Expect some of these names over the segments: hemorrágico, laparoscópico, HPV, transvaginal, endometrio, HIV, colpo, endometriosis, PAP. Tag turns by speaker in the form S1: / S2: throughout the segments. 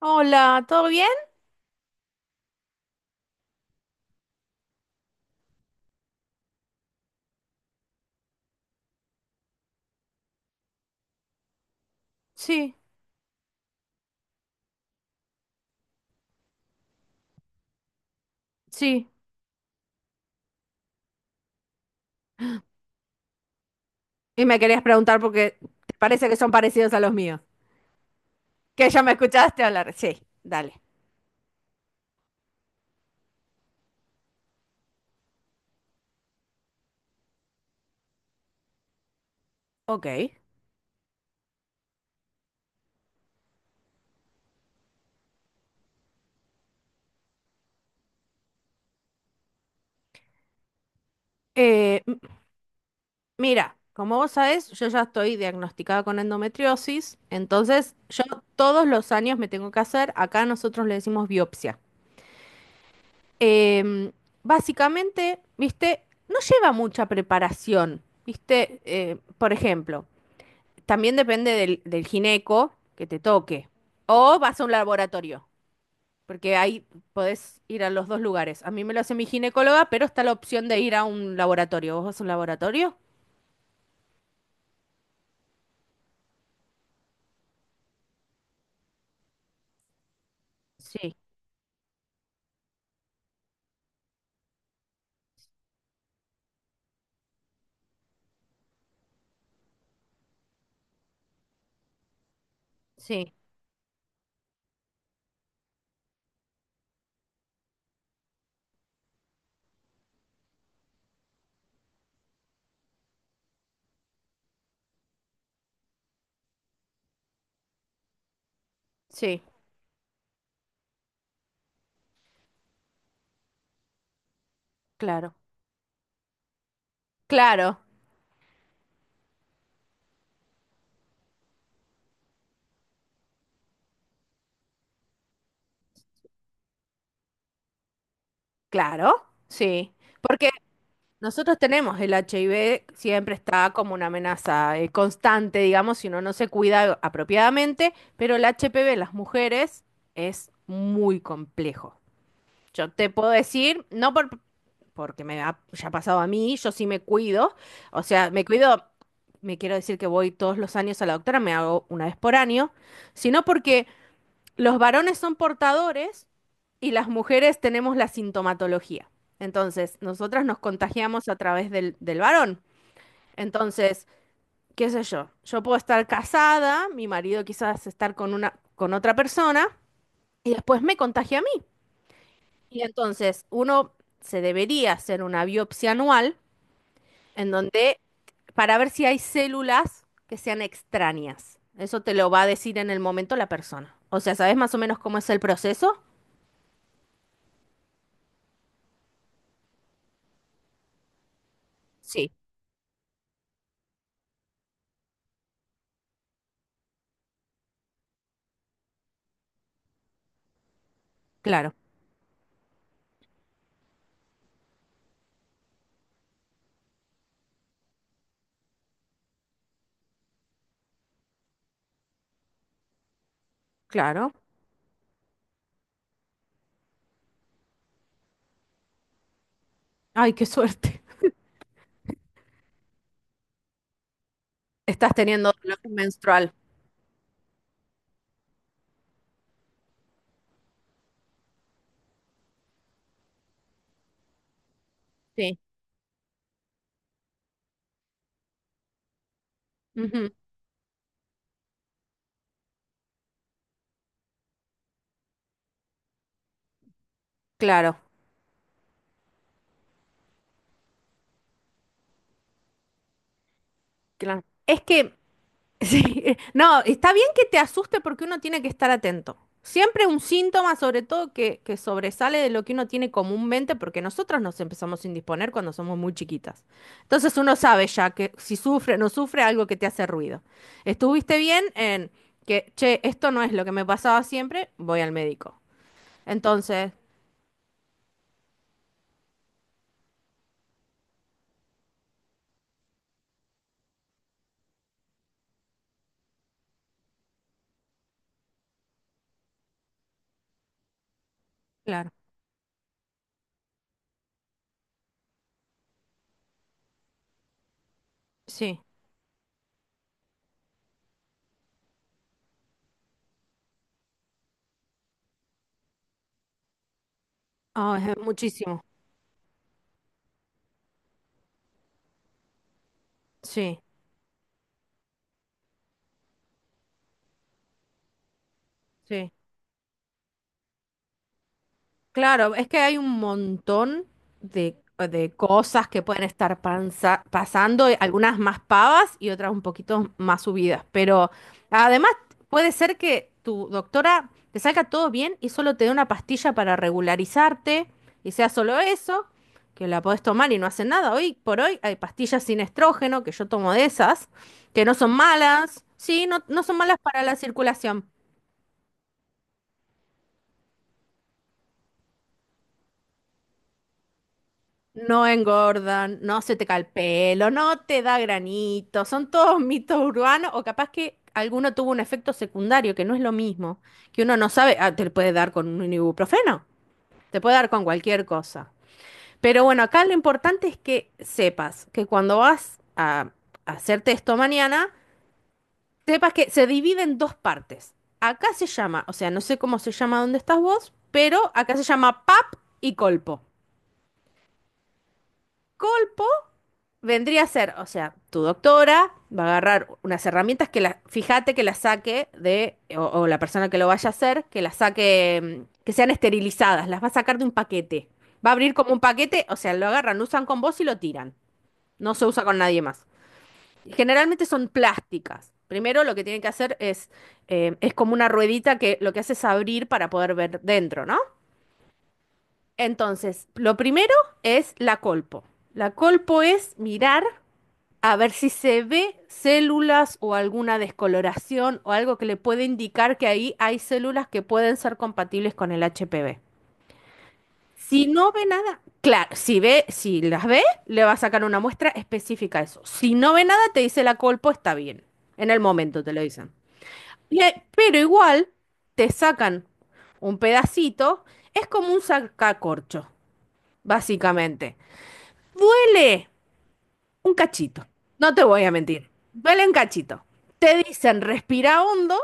S1: Hola, ¿todo bien? Sí, sí. Y me querías preguntar porque te parece que son parecidos a los míos. Que ya me escuchaste hablar. Sí, dale. Ok. Eh, m- mira, como vos sabés, yo ya estoy diagnosticada con endometriosis, entonces yo todos los años me tengo que hacer, acá nosotros le decimos biopsia. Em, Básicamente, viste, no lleva mucha preparación, viste. Por ejemplo, también depende del gineco que te toque. O vas a un laboratorio, porque ahí podés ir a los dos lugares. A mí me lo hace mi ginecóloga, pero está la opción de ir a un laboratorio. ¿Vos vas a un laboratorio? Sí, sí, sí. Claro. Claro, claro, sí. Porque nosotros tenemos el HIV, siempre está como una amenaza constante, digamos, si uno no se cuida apropiadamente, pero el HPV en las mujeres es muy complejo. Yo te puedo decir, no por, porque me ha ya ha pasado a mí. Yo sí me cuido, o sea, me cuido, me quiero decir que voy todos los años a la doctora, me hago una vez por año, sino porque los varones son portadores y las mujeres tenemos la sintomatología. Entonces, nosotras nos contagiamos a través del varón. Entonces, qué sé yo, yo puedo estar casada, mi marido quizás estar con una, con otra persona y después me contagia a mí. Y entonces uno se debería hacer una biopsia anual en donde para ver si hay células que sean extrañas. Eso te lo va a decir en el momento la persona. O sea, ¿sabes más o menos cómo es el proceso? Sí, claro, claro. Ay, qué suerte. Estás teniendo dolor menstrual. Sí. Ujú. Claro, claro. Es que sí, no, está bien que te asuste porque uno tiene que estar atento. Siempre un síntoma, sobre todo, que sobresale de lo que uno tiene comúnmente, porque nosotros nos empezamos a indisponer cuando somos muy chiquitas. Entonces uno sabe ya que si sufre o no sufre algo que te hace ruido. Estuviste bien en que, che, esto no es lo que me pasaba siempre, voy al médico. Entonces, claro, sí. Ah, es muchísimo. Sí, sí. Claro, es que hay un montón de cosas que pueden estar pasando, algunas más pavas y otras un poquito más subidas, pero además puede ser que tu doctora te salga todo bien y solo te dé una pastilla para regularizarte y sea solo eso, que la podés tomar y no hace nada. Hoy por hoy hay pastillas sin estrógeno, que yo tomo de esas, que no son malas, sí, no, no son malas para la circulación. No engordan, no se te cae el pelo, no te da granito. Son todos mitos urbanos o capaz que alguno tuvo un efecto secundario que no es lo mismo, que uno no sabe. Ah, te puede dar con un ibuprofeno, te puede dar con cualquier cosa. Pero bueno, acá lo importante es que sepas que cuando vas a hacerte esto mañana, sepas que se divide en dos partes. Acá se llama, o sea, no sé cómo se llama donde estás vos, pero acá se llama PAP y colpo. Vendría a ser, o sea, tu doctora va a agarrar unas herramientas que la, fíjate que las saque de, o la persona que lo vaya a hacer, que las saque, que sean esterilizadas, las va a sacar de un paquete. Va a abrir como un paquete, o sea, lo agarran, lo usan con vos y lo tiran. No se usa con nadie más. Generalmente son plásticas. Primero lo que tienen que hacer es como una ruedita que lo que hace es abrir para poder ver dentro, ¿no? Entonces, lo primero es la colpo. La colpo es mirar. A ver si se ve células o alguna descoloración o algo que le puede indicar que ahí hay células que pueden ser compatibles con el HPV. Si no ve nada, claro, si las ve, le va a sacar una muestra específica a eso. Si no ve nada, te dice la colpo está bien. En el momento te lo dicen. Pero igual te sacan un pedacito, es como un sacacorcho, básicamente. Duele un cachito, no te voy a mentir. Duele un cachito. Te dicen respira hondo,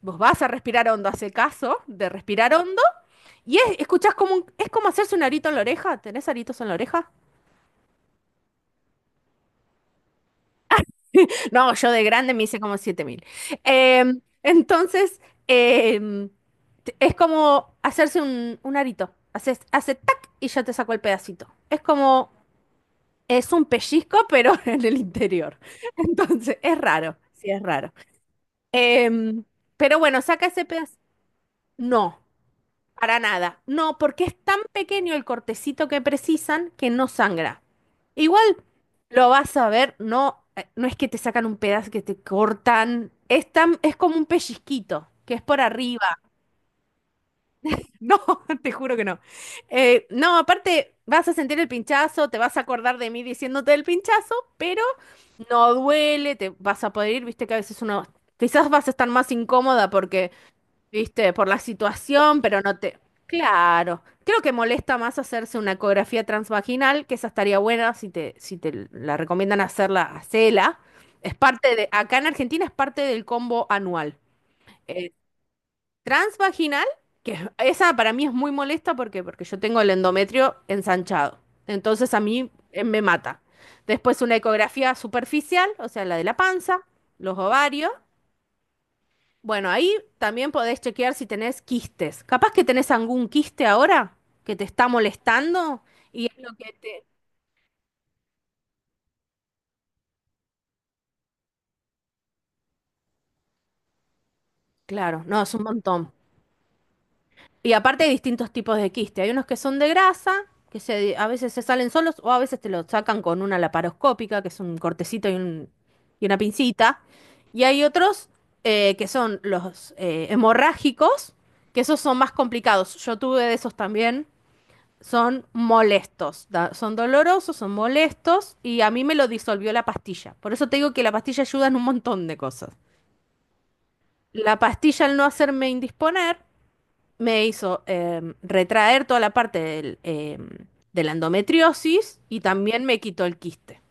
S1: vos vas a respirar hondo, hace caso de respirar hondo, y escuchás es como hacerse un arito en la oreja. ¿Tenés aritos en la oreja? No, yo de grande me hice como 7.000. Entonces, em, es como hacerse un arito. Hace tac y ya te sacó el pedacito. Es un pellizco, pero en el interior. Entonces, es raro, sí, es raro. Em, pero bueno, saca ese pedazo. No, para nada. No, porque es tan pequeño el cortecito que precisan que no sangra. Igual lo vas a ver, no, no es que te sacan un pedazo que te cortan. Es como un pellizquito, que es por arriba. No, te juro que no. No, aparte vas a sentir el pinchazo, te vas a acordar de mí diciéndote el pinchazo, pero no duele, te vas a poder ir, viste que a veces uno, quizás vas a estar más incómoda porque ¿viste? Por la situación, pero no te... Claro, creo que molesta más hacerse una ecografía transvaginal, que esa estaría buena si te, la recomiendan hacerla, hacela. Acá en Argentina es parte del combo anual. Eh, Transvaginal, esa para mí es muy molesta porque yo tengo el endometrio ensanchado. Entonces a mí me mata. Después una ecografía superficial, o sea, la de la panza, los ovarios. Bueno, ahí también podés chequear si tenés quistes. Capaz que tenés algún quiste ahora que te está molestando y es lo que te... Claro, no, es un montón. Y aparte hay distintos tipos de quiste. Hay unos que son de grasa, a veces se salen solos o a veces te lo sacan con una laparoscópica, que es un cortecito y una pincita. Y hay otros que son los hemorrágicos, que esos son más complicados. Yo tuve de esos también. Son molestos, son dolorosos, son molestos y a mí me lo disolvió la pastilla. Por eso te digo que la pastilla ayuda en un montón de cosas. La pastilla al no hacerme indisponer me hizo retraer toda la parte de la endometriosis y también me quitó el quiste.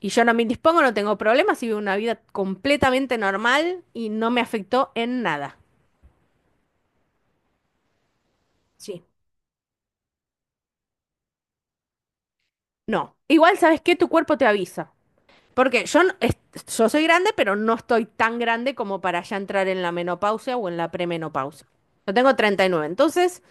S1: Y yo no me indispongo, no tengo problemas y vivo una vida completamente normal y no me afectó en nada. Sí. No. Igual, ¿sabes qué? Tu cuerpo te avisa. Porque yo soy grande, pero no estoy tan grande como para ya entrar en la menopausia o en la premenopausia. Yo tengo 39. Entonces,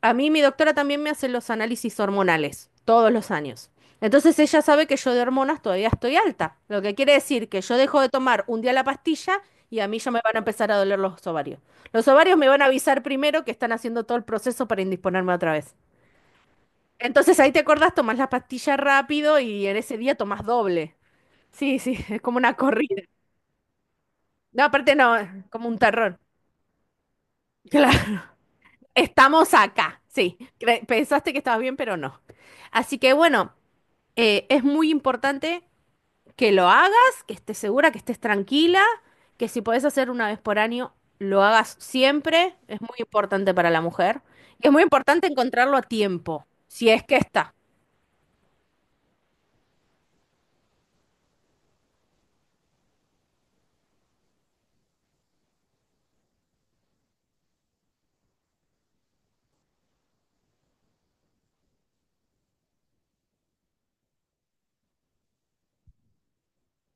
S1: a mí mi doctora también me hace los análisis hormonales todos los años. Entonces, ella sabe que yo de hormonas todavía estoy alta. Lo que quiere decir que yo dejo de tomar un día la pastilla y a mí ya me van a empezar a doler los ovarios. Los ovarios me van a avisar primero que están haciendo todo el proceso para indisponerme otra vez. Entonces, ahí te acordás, tomás la pastilla rápido y en ese día tomás doble. Sí, sí, es como una corrida. No, aparte no, como un terror. Claro. Estamos acá, sí. Pensaste que estabas bien, pero no. Así que bueno, es muy importante que lo hagas, que estés segura, que estés tranquila, que si podés hacer una vez por año, lo hagas siempre. Es muy importante para la mujer. Y es muy importante encontrarlo a tiempo, si es que está.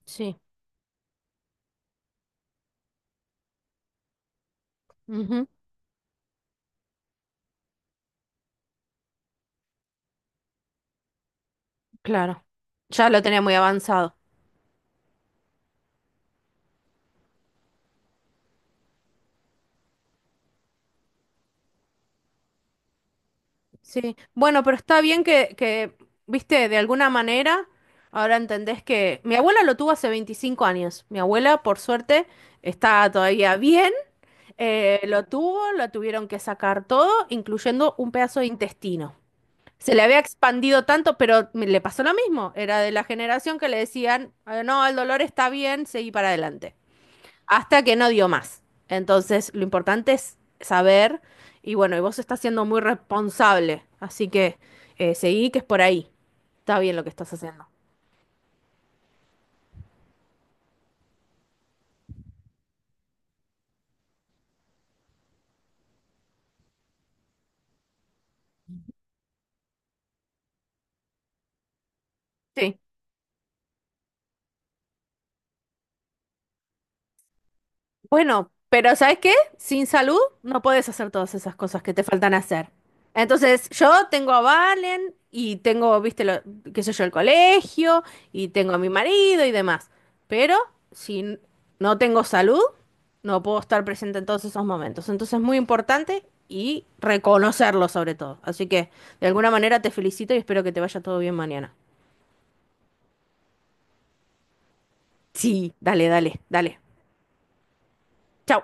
S1: Sí. Ujú. Claro. Ya lo tenía muy avanzado. Sí, bueno, pero está bien viste, de alguna manera, ahora entendés que mi abuela lo tuvo hace 25 años. Mi abuela, por suerte, está todavía bien. Lo tuvieron que sacar todo, incluyendo un pedazo de intestino. Se le había expandido tanto, pero le pasó lo mismo. Era de la generación que le decían, "Ah, no, el dolor está bien, seguí para adelante hasta que no dio más". Entonces, lo importante es saber, y bueno, y vos estás siendo muy responsable, así que seguí que es por ahí. Está bien lo que estás haciendo. Sí. Bueno, pero ¿sabes qué? Sin salud no puedes hacer todas esas cosas que te faltan hacer. Entonces, yo tengo a Valen y tengo, viste, lo, qué sé yo, el colegio y tengo a mi marido y demás. Pero si n- no tengo salud, no puedo estar presente en todos esos momentos. Entonces, es muy importante y reconocerlo sobre todo. Así que, de alguna manera, te felicito y espero que te vaya todo bien mañana. Sí, dale, dale, dale. Chau.